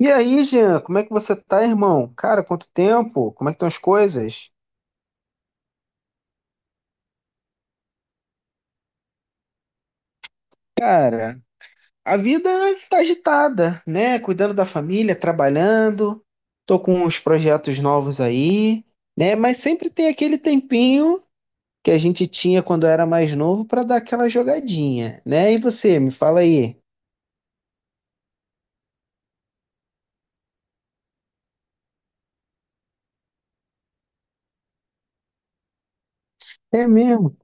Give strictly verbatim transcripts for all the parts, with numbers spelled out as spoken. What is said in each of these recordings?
E aí, Jean, como é que você tá, irmão? Cara, quanto tempo? Como é que estão as coisas? Cara, a vida tá agitada, né? Cuidando da família, trabalhando, tô com uns projetos novos aí, né? Mas sempre tem aquele tempinho que a gente tinha quando era mais novo pra dar aquela jogadinha, né? E você, me fala aí. É mesmo?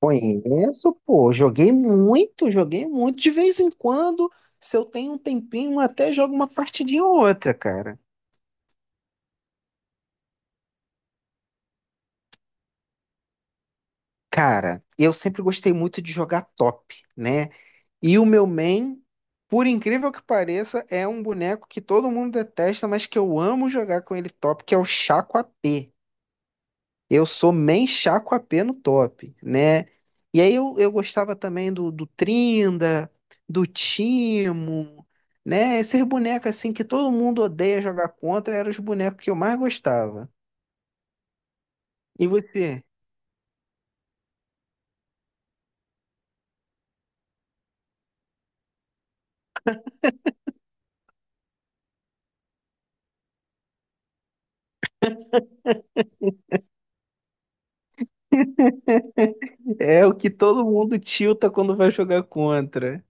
Conheço, pô. Joguei muito, joguei muito. De vez em quando, se eu tenho um tempinho, até jogo uma partidinha ou outra, cara. Cara, eu sempre gostei muito de jogar top, né? E o meu main, por incrível que pareça, é um boneco que todo mundo detesta, mas que eu amo jogar com ele top, que é o Chaco A P. Eu sou main Chaco A P no top, né? E aí eu, eu gostava também do, do Trinda, do Timo, né? Esses bonecos assim que todo mundo odeia jogar contra eram os bonecos que eu mais gostava. E você? É o que todo mundo tilta quando vai jogar contra.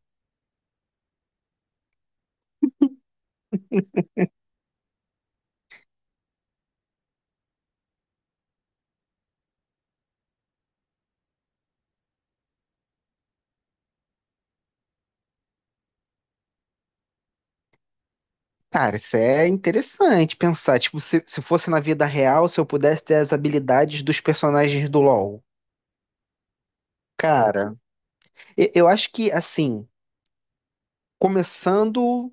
Cara, isso é interessante pensar. Tipo, se, se fosse na vida real, se eu pudesse ter as habilidades dos personagens do LoL. Cara, e- eu, acho que, assim, começando,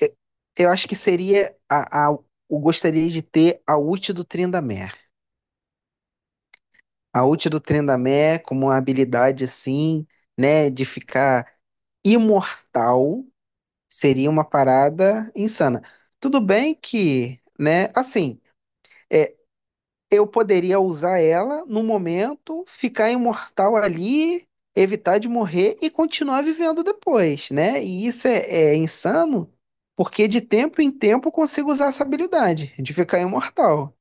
e- eu acho que seria a, a, eu gostaria de ter a ult do Tryndamere. A ult do Tryndamere como uma habilidade, assim, né, de ficar imortal seria uma parada insana. Tudo bem que, né, assim. é, eu poderia usar ela no momento, ficar imortal ali, evitar de morrer e continuar vivendo depois, né? E isso é, é insano, porque de tempo em tempo eu consigo usar essa habilidade de ficar imortal.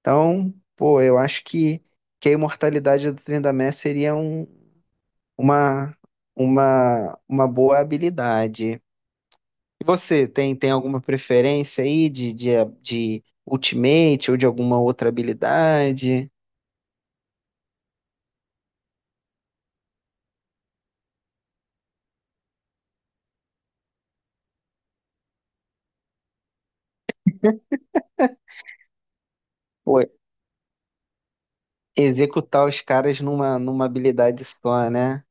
Então, pô, eu acho que, que a imortalidade do Trindamé seria um, uma, uma, uma boa habilidade. E você, tem, tem alguma preferência aí de, de, de Ultimate ou de alguma outra habilidade? Executar os caras numa, numa habilidade só, né?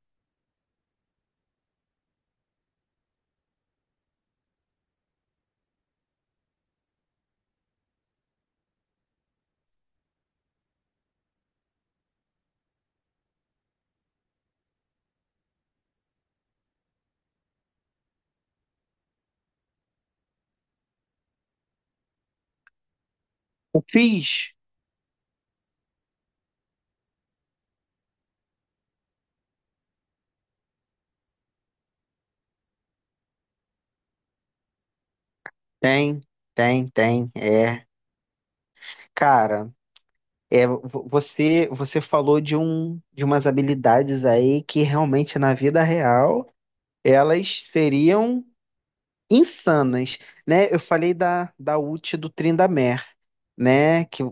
O Fizz tem, tem, tem, é. Cara, é, vo- você você falou de um de umas habilidades aí que realmente na vida real elas seriam insanas, né? Eu falei da da ult do Tryndamere, né, que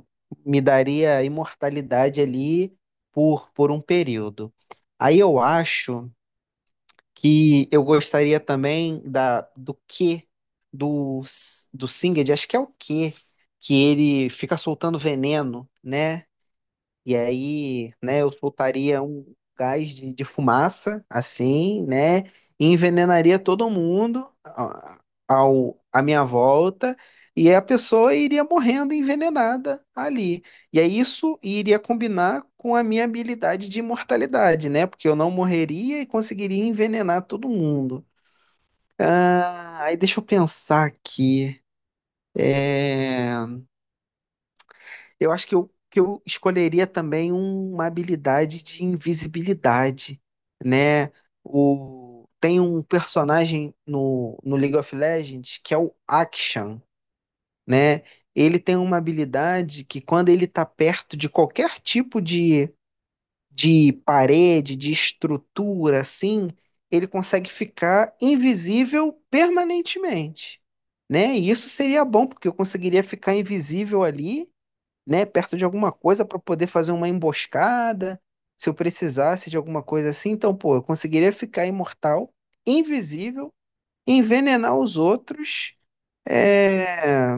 me daria imortalidade ali por por um período. Aí eu acho que eu gostaria também da do que do do Singed, acho que é o que que ele fica soltando veneno, né? E aí, né, eu soltaria um gás de, de fumaça, assim, né, e envenenaria todo mundo a- ao, à minha volta, e a pessoa iria morrendo envenenada ali. E aí isso iria combinar com a minha habilidade de imortalidade, né, porque eu não morreria e conseguiria envenenar todo mundo. Ah, aí deixa eu pensar aqui. É... Eu acho que eu, que eu escolheria também uma habilidade de invisibilidade, né? O, tem um personagem no, no League of Legends que é o Akshan, né? Ele tem uma habilidade que quando ele está perto de qualquer tipo de, de parede, de estrutura, assim, ele consegue ficar invisível permanentemente, né? E isso seria bom, porque eu conseguiria ficar invisível ali, né, perto de alguma coisa para poder fazer uma emboscada, se eu precisasse de alguma coisa assim. Então, pô, eu conseguiria ficar imortal, invisível, envenenar os outros. É,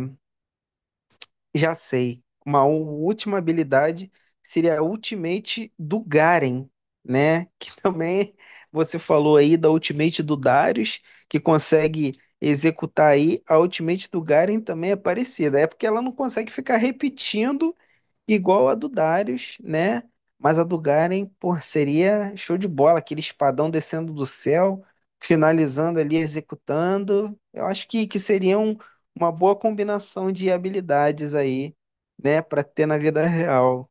já sei. Uma u- última habilidade seria a Ultimate do Garen, né? Que também você falou aí da Ultimate do Darius, que consegue executar aí. A Ultimate do Garen também é parecida. É porque ela não consegue ficar repetindo igual a do Darius, né? Mas a do Garen, pô, seria show de bola, aquele espadão descendo do céu, finalizando ali, executando. Eu acho que, que seria um- uma boa combinação de habilidades aí, né, para ter na vida real.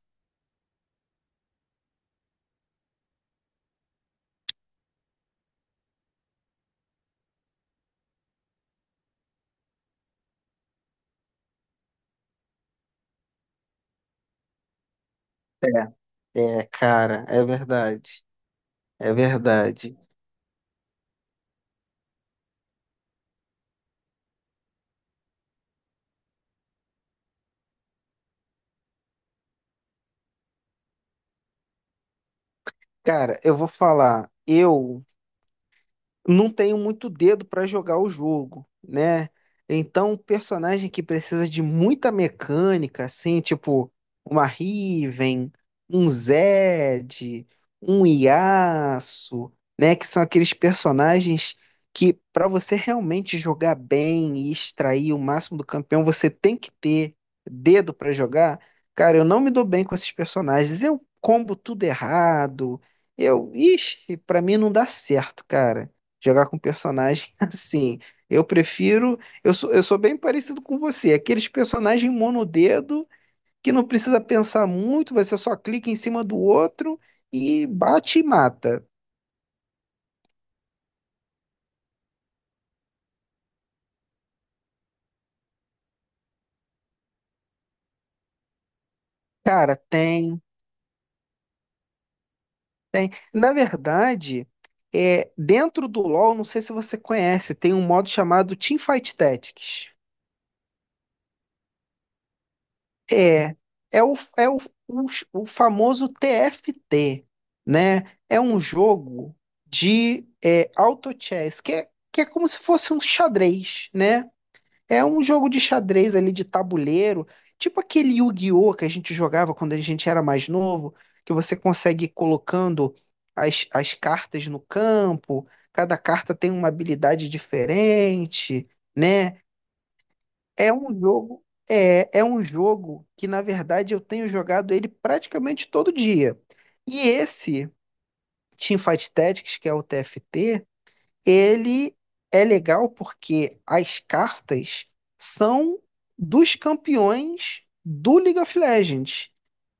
É, é, cara, é verdade. É verdade. Cara, eu vou falar, eu não tenho muito dedo para jogar o jogo, né? Então, um personagem que precisa de muita mecânica, assim, tipo uma Riven, um Zed, um Yasuo, né? Que são aqueles personagens que, para você realmente jogar bem e extrair o máximo do campeão, você tem que ter dedo para jogar. Cara, eu não me dou bem com esses personagens. Eu combo tudo errado. Eu, ixi, para mim não dá certo, cara, jogar com personagem assim. Eu prefiro. Eu sou, eu sou bem parecido com você. Aqueles personagens monodedo que não precisa pensar muito, você só clica em cima do outro e bate e mata. Cara, tem, tem. Na verdade, é, dentro do LoL, não sei se você conhece, tem um modo chamado Teamfight Tactics. É, é o, é o, o, o famoso T F T, né? É um jogo de é, auto chess, que é, que é como se fosse um xadrez, né? É um jogo de xadrez ali de tabuleiro, tipo aquele Yu-Gi-Oh! Que a gente jogava quando a gente era mais novo, que você consegue ir colocando as, as cartas no campo, cada carta tem uma habilidade diferente, né? É um jogo, é, é um jogo que, na verdade, eu tenho jogado ele praticamente todo dia. E esse Teamfight Tactics, que é o T F T, ele é legal porque as cartas são dos campeões do League of Legends.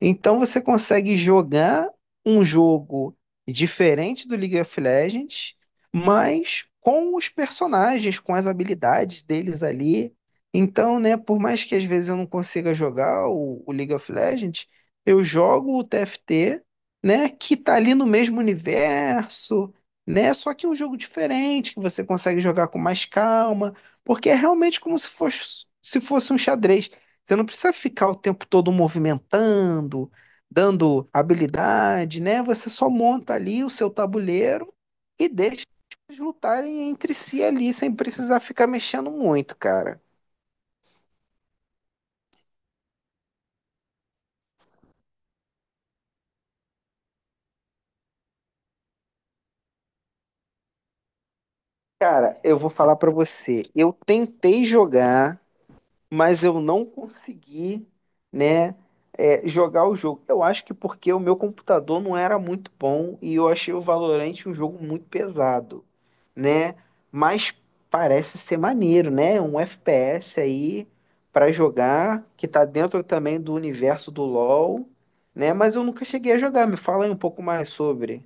Então você consegue jogar um jogo diferente do League of Legends, mas com os personagens, com as habilidades deles ali. Então, né, por mais que às vezes eu não consiga jogar o, o League of Legends, eu jogo o T F T, né, que tá ali no mesmo universo, né? Só que é um jogo diferente, que você consegue jogar com mais calma, porque é realmente como se fosse, se fosse um xadrez. Você não precisa ficar o tempo todo movimentando, dando habilidade, né? Você só monta ali o seu tabuleiro e deixa eles lutarem entre si ali, sem precisar ficar mexendo muito, cara. Cara, eu vou falar pra você, eu tentei jogar mas eu não consegui, né, é, jogar o jogo. Eu acho que porque o meu computador não era muito bom e eu achei o Valorant um jogo muito pesado, né? Mas parece ser maneiro, né? Um F P S aí para jogar que tá dentro também do universo do LoL, né? Mas eu nunca cheguei a jogar. Me fala aí um pouco mais sobre.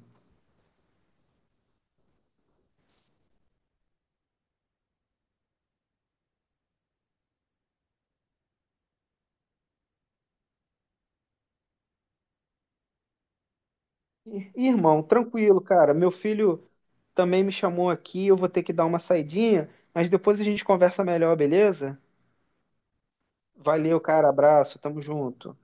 Ih, irmão, tranquilo, cara. Meu filho também me chamou aqui. Eu vou ter que dar uma saidinha, mas depois a gente conversa melhor, beleza? Valeu, cara. Abraço. Tamo junto.